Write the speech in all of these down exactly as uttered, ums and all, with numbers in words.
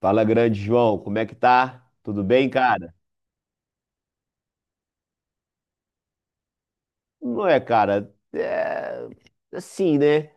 Fala, grande João, como é que tá? Tudo bem, cara? Não é, cara? É assim, né?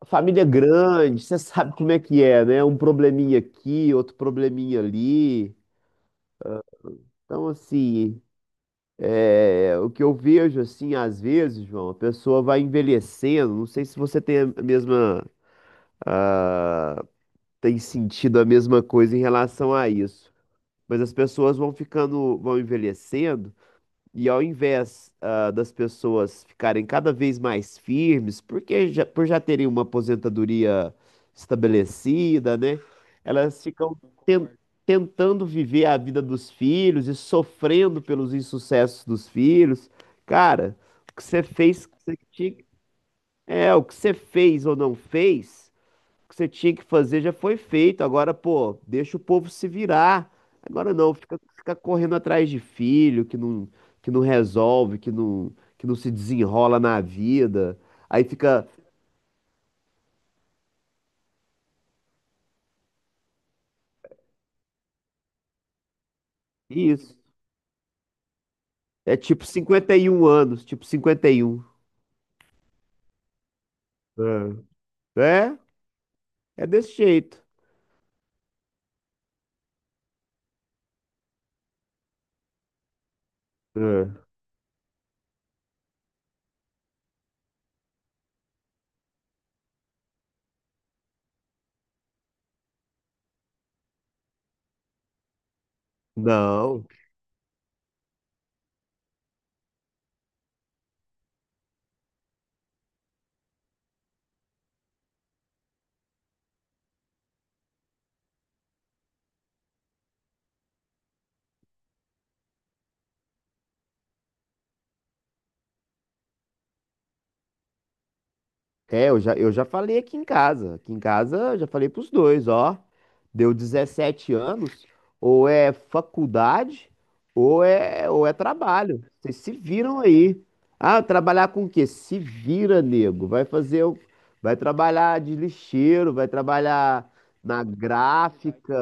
A família é grande, você sabe como é que é, né? Um probleminha aqui, outro probleminha ali. Então, assim, é, o que eu vejo, assim, às vezes, João, a pessoa vai envelhecendo. Não sei se você tem a mesma, tem sentido a mesma coisa em relação a isso, mas as pessoas vão ficando, vão envelhecendo. E ao invés, ah, das pessoas ficarem cada vez mais firmes, porque já, por já terem uma aposentadoria estabelecida, né? Elas ficam ten- tentando viver a vida dos filhos e sofrendo pelos insucessos dos filhos. Cara, o que você fez, o que você tinha- é, o que você fez ou não fez que você tinha que fazer já foi feito. Agora, pô, deixa o povo se virar. Agora não, fica, fica correndo atrás de filho que não, que não resolve, que não, que não se desenrola na vida. Aí fica isso. É tipo cinquenta e um anos, tipo cinquenta e um. É, é, é desse jeito. É. Não. É, eu já, eu já falei aqui em casa. Aqui em casa eu já falei pros dois, ó. Deu dezessete anos, ou é faculdade, ou é, ou é trabalho. Vocês se viram aí. Ah, trabalhar com o quê? Se vira, nego. Vai fazer, o- vai trabalhar de lixeiro, vai trabalhar na gráfica.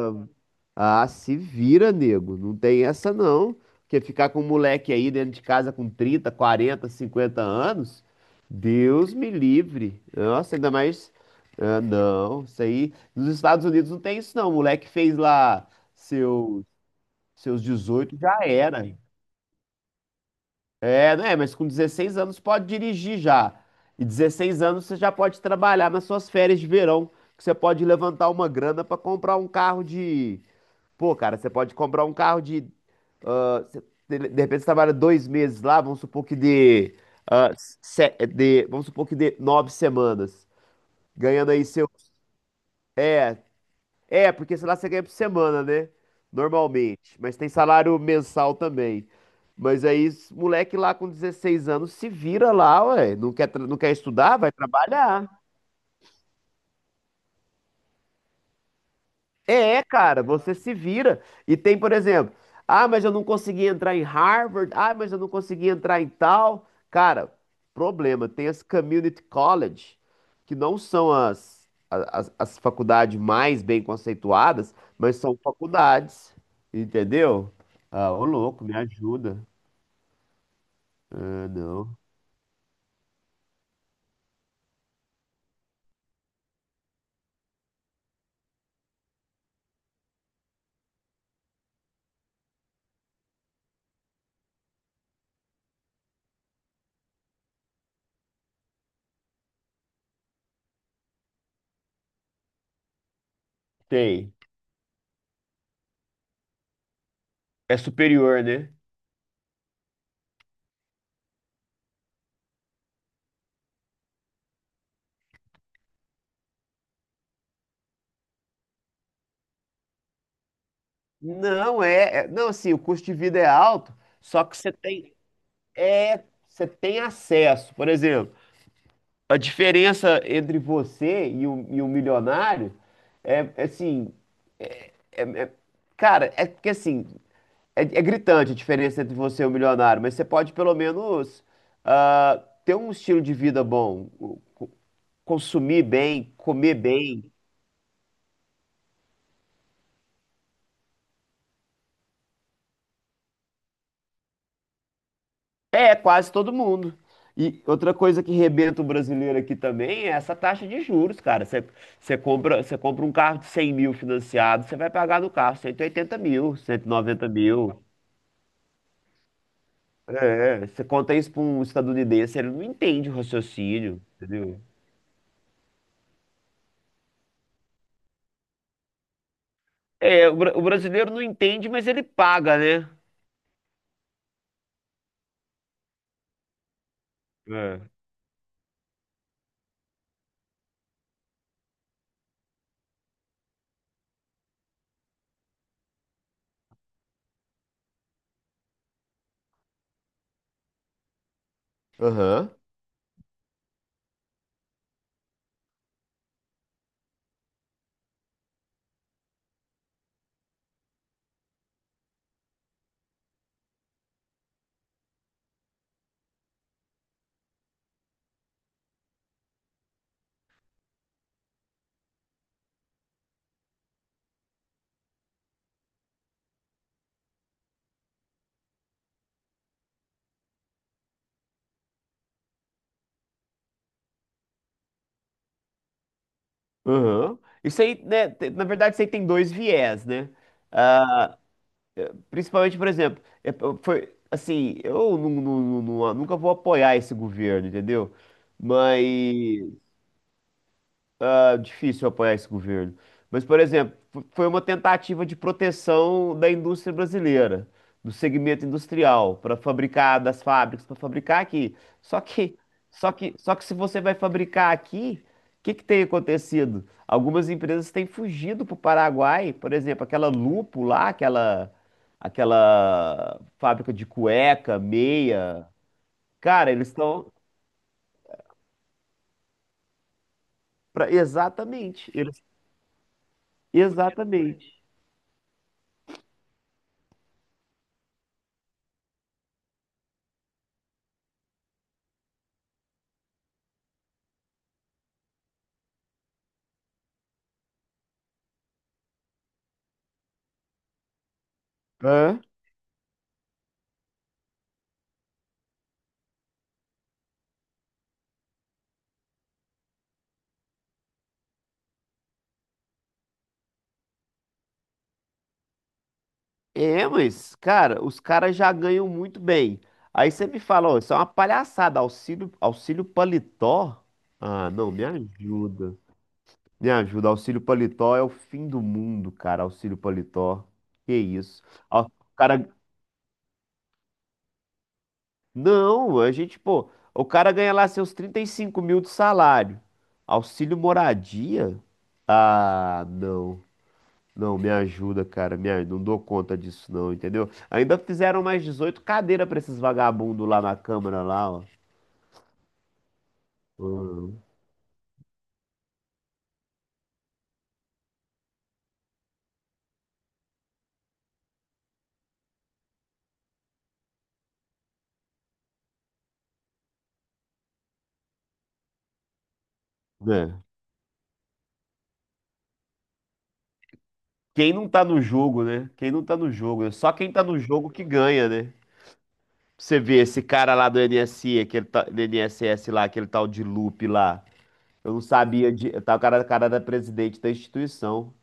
Ah, se vira, nego. Não tem essa não. Porque ficar com um moleque aí dentro de casa com trinta, quarenta, cinquenta anos, Deus me livre. Nossa, ainda mais. Ah, não, isso aí. Nos Estados Unidos não tem isso, não. O moleque fez lá seu, seus dezoito, já era. É, né? Mas com 16 anos pode dirigir já. E dezesseis anos você já pode trabalhar nas suas férias de verão, que você pode levantar uma grana pra comprar um carro de. Pô, cara, você pode comprar um carro de. ah, você- de de repente você trabalha dois meses lá, vamos supor que dê. ah, se- dê- vamos supor que dê nove semanas. Ganhando aí seu. É, é, porque sei lá você ganha por semana, né? Normalmente. Mas tem salário mensal também. Mas aí, esse moleque lá com dezesseis anos se vira lá, ué. Não quer, tra- não quer estudar? Vai trabalhar. É, cara, você se vira. E tem, por exemplo, ah, mas eu não consegui entrar em Harvard, ah, mas eu não consegui entrar em tal. Cara, problema, tem as community college, que não são as, a- as, as faculdades mais bem conceituadas, mas são faculdades, entendeu? Ah, ô louco, me ajuda. Ah, não. Tem. É superior, né? Não é, é- não assim, o custo de vida é alto, só que você tem é, você tem acesso. Por exemplo, a diferença entre você e o, e o milionário é é assim, é- é- cara, é porque assim, é, é gritante a diferença entre você e o milionário, mas você pode pelo menos ah, ter um estilo de vida bom, co- consumir bem, comer bem. É, quase todo mundo. E outra coisa que rebenta o brasileiro aqui também é essa taxa de juros, cara. Você você compra, você compra um carro de cem mil financiado, você vai pagar no carro cento e oitenta mil, cento e noventa mil. É, você conta isso para um estadunidense, ele não entende o raciocínio, entendeu? É, o, bra- o brasileiro não entende, mas ele paga, né? É. Aham, aham. Isso aí, né, te- na verdade, isso aí tem dois viés, né? Principalmente, por exemplo, é, foi assim, eu nu- nu- nu- nu- nunca vou apoiar esse governo, entendeu? Mas ah, difícil apoiar esse governo. Mas, por exemplo, f- foi uma tentativa de proteção da indústria brasileira, do segmento industrial, para fabricar das fábricas, para fabricar aqui. Só que, só que, só que se você vai fabricar aqui, o que que tem acontecido? Algumas empresas têm fugido para o Paraguai, por exemplo, aquela Lupo lá, aquela, aquela fábrica de cueca, meia. Cara, eles estão. Exatamente. Eles, exatamente. Hã? É, mas, cara, os caras já ganham muito bem. Aí você me fala, ó, isso é uma palhaçada, auxílio, auxílio paletó? Ah, não, me ajuda. Me ajuda, auxílio paletó é o fim do mundo, cara, auxílio paletó. Que isso? Ó, o cara, não, a gente, pô, o cara ganha lá seus trinta e cinco mil de salário. Auxílio moradia? Ah, não. Não, me ajuda, cara. Me aj- Não dou conta disso, não, entendeu? Ainda fizeram mais dezoito cadeiras pra esses vagabundos lá na Câmara, lá, ó. Hum, né? Quem não tá no jogo, né? Quem não tá no jogo, né? Só quem tá no jogo que ganha, né? Você vê esse cara lá do N S I, aquele ta- do N S S lá, aquele tal de Lupe lá. Eu não sabia de. Tá o cara, cara da presidente da instituição.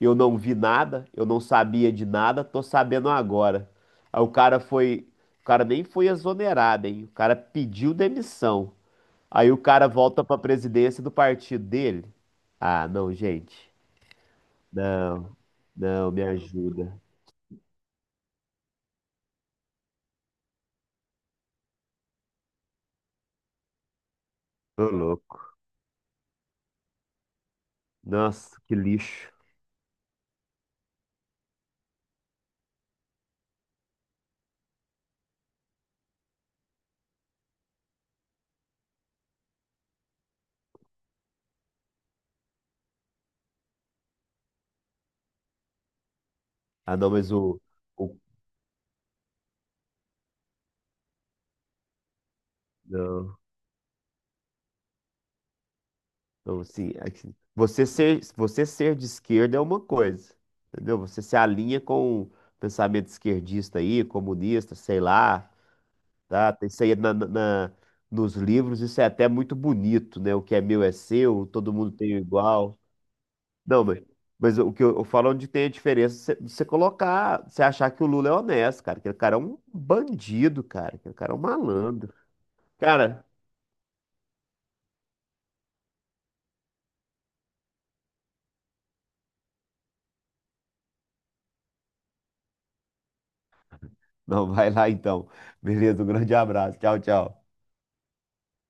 Eu não vi nada, eu não sabia de nada, tô sabendo agora. Aí o cara foi, o cara nem foi exonerado, hein? O cara pediu demissão. Aí o cara volta pra presidência do partido dele. Ah, não, gente. Não, não, me ajuda. Ô, louco. Nossa, que lixo. Ah, não, mas o, o não, não, assim, assim, você ser, você ser de esquerda é uma coisa, entendeu? Você se alinha com o pensamento esquerdista aí, comunista, sei lá, tá? Tem isso aí na, na- na- nos livros, isso é até muito bonito, né? O que é meu é seu, todo mundo tem o igual. Não, mas, mas o que eu, eu falo é onde tem a diferença, você você colocar, você achar que o Lula é honesto, cara. Aquele cara é um bandido, cara. Aquele cara é um malandro. Cara, não, vai lá então. Beleza, um grande abraço. Tchau, tchau.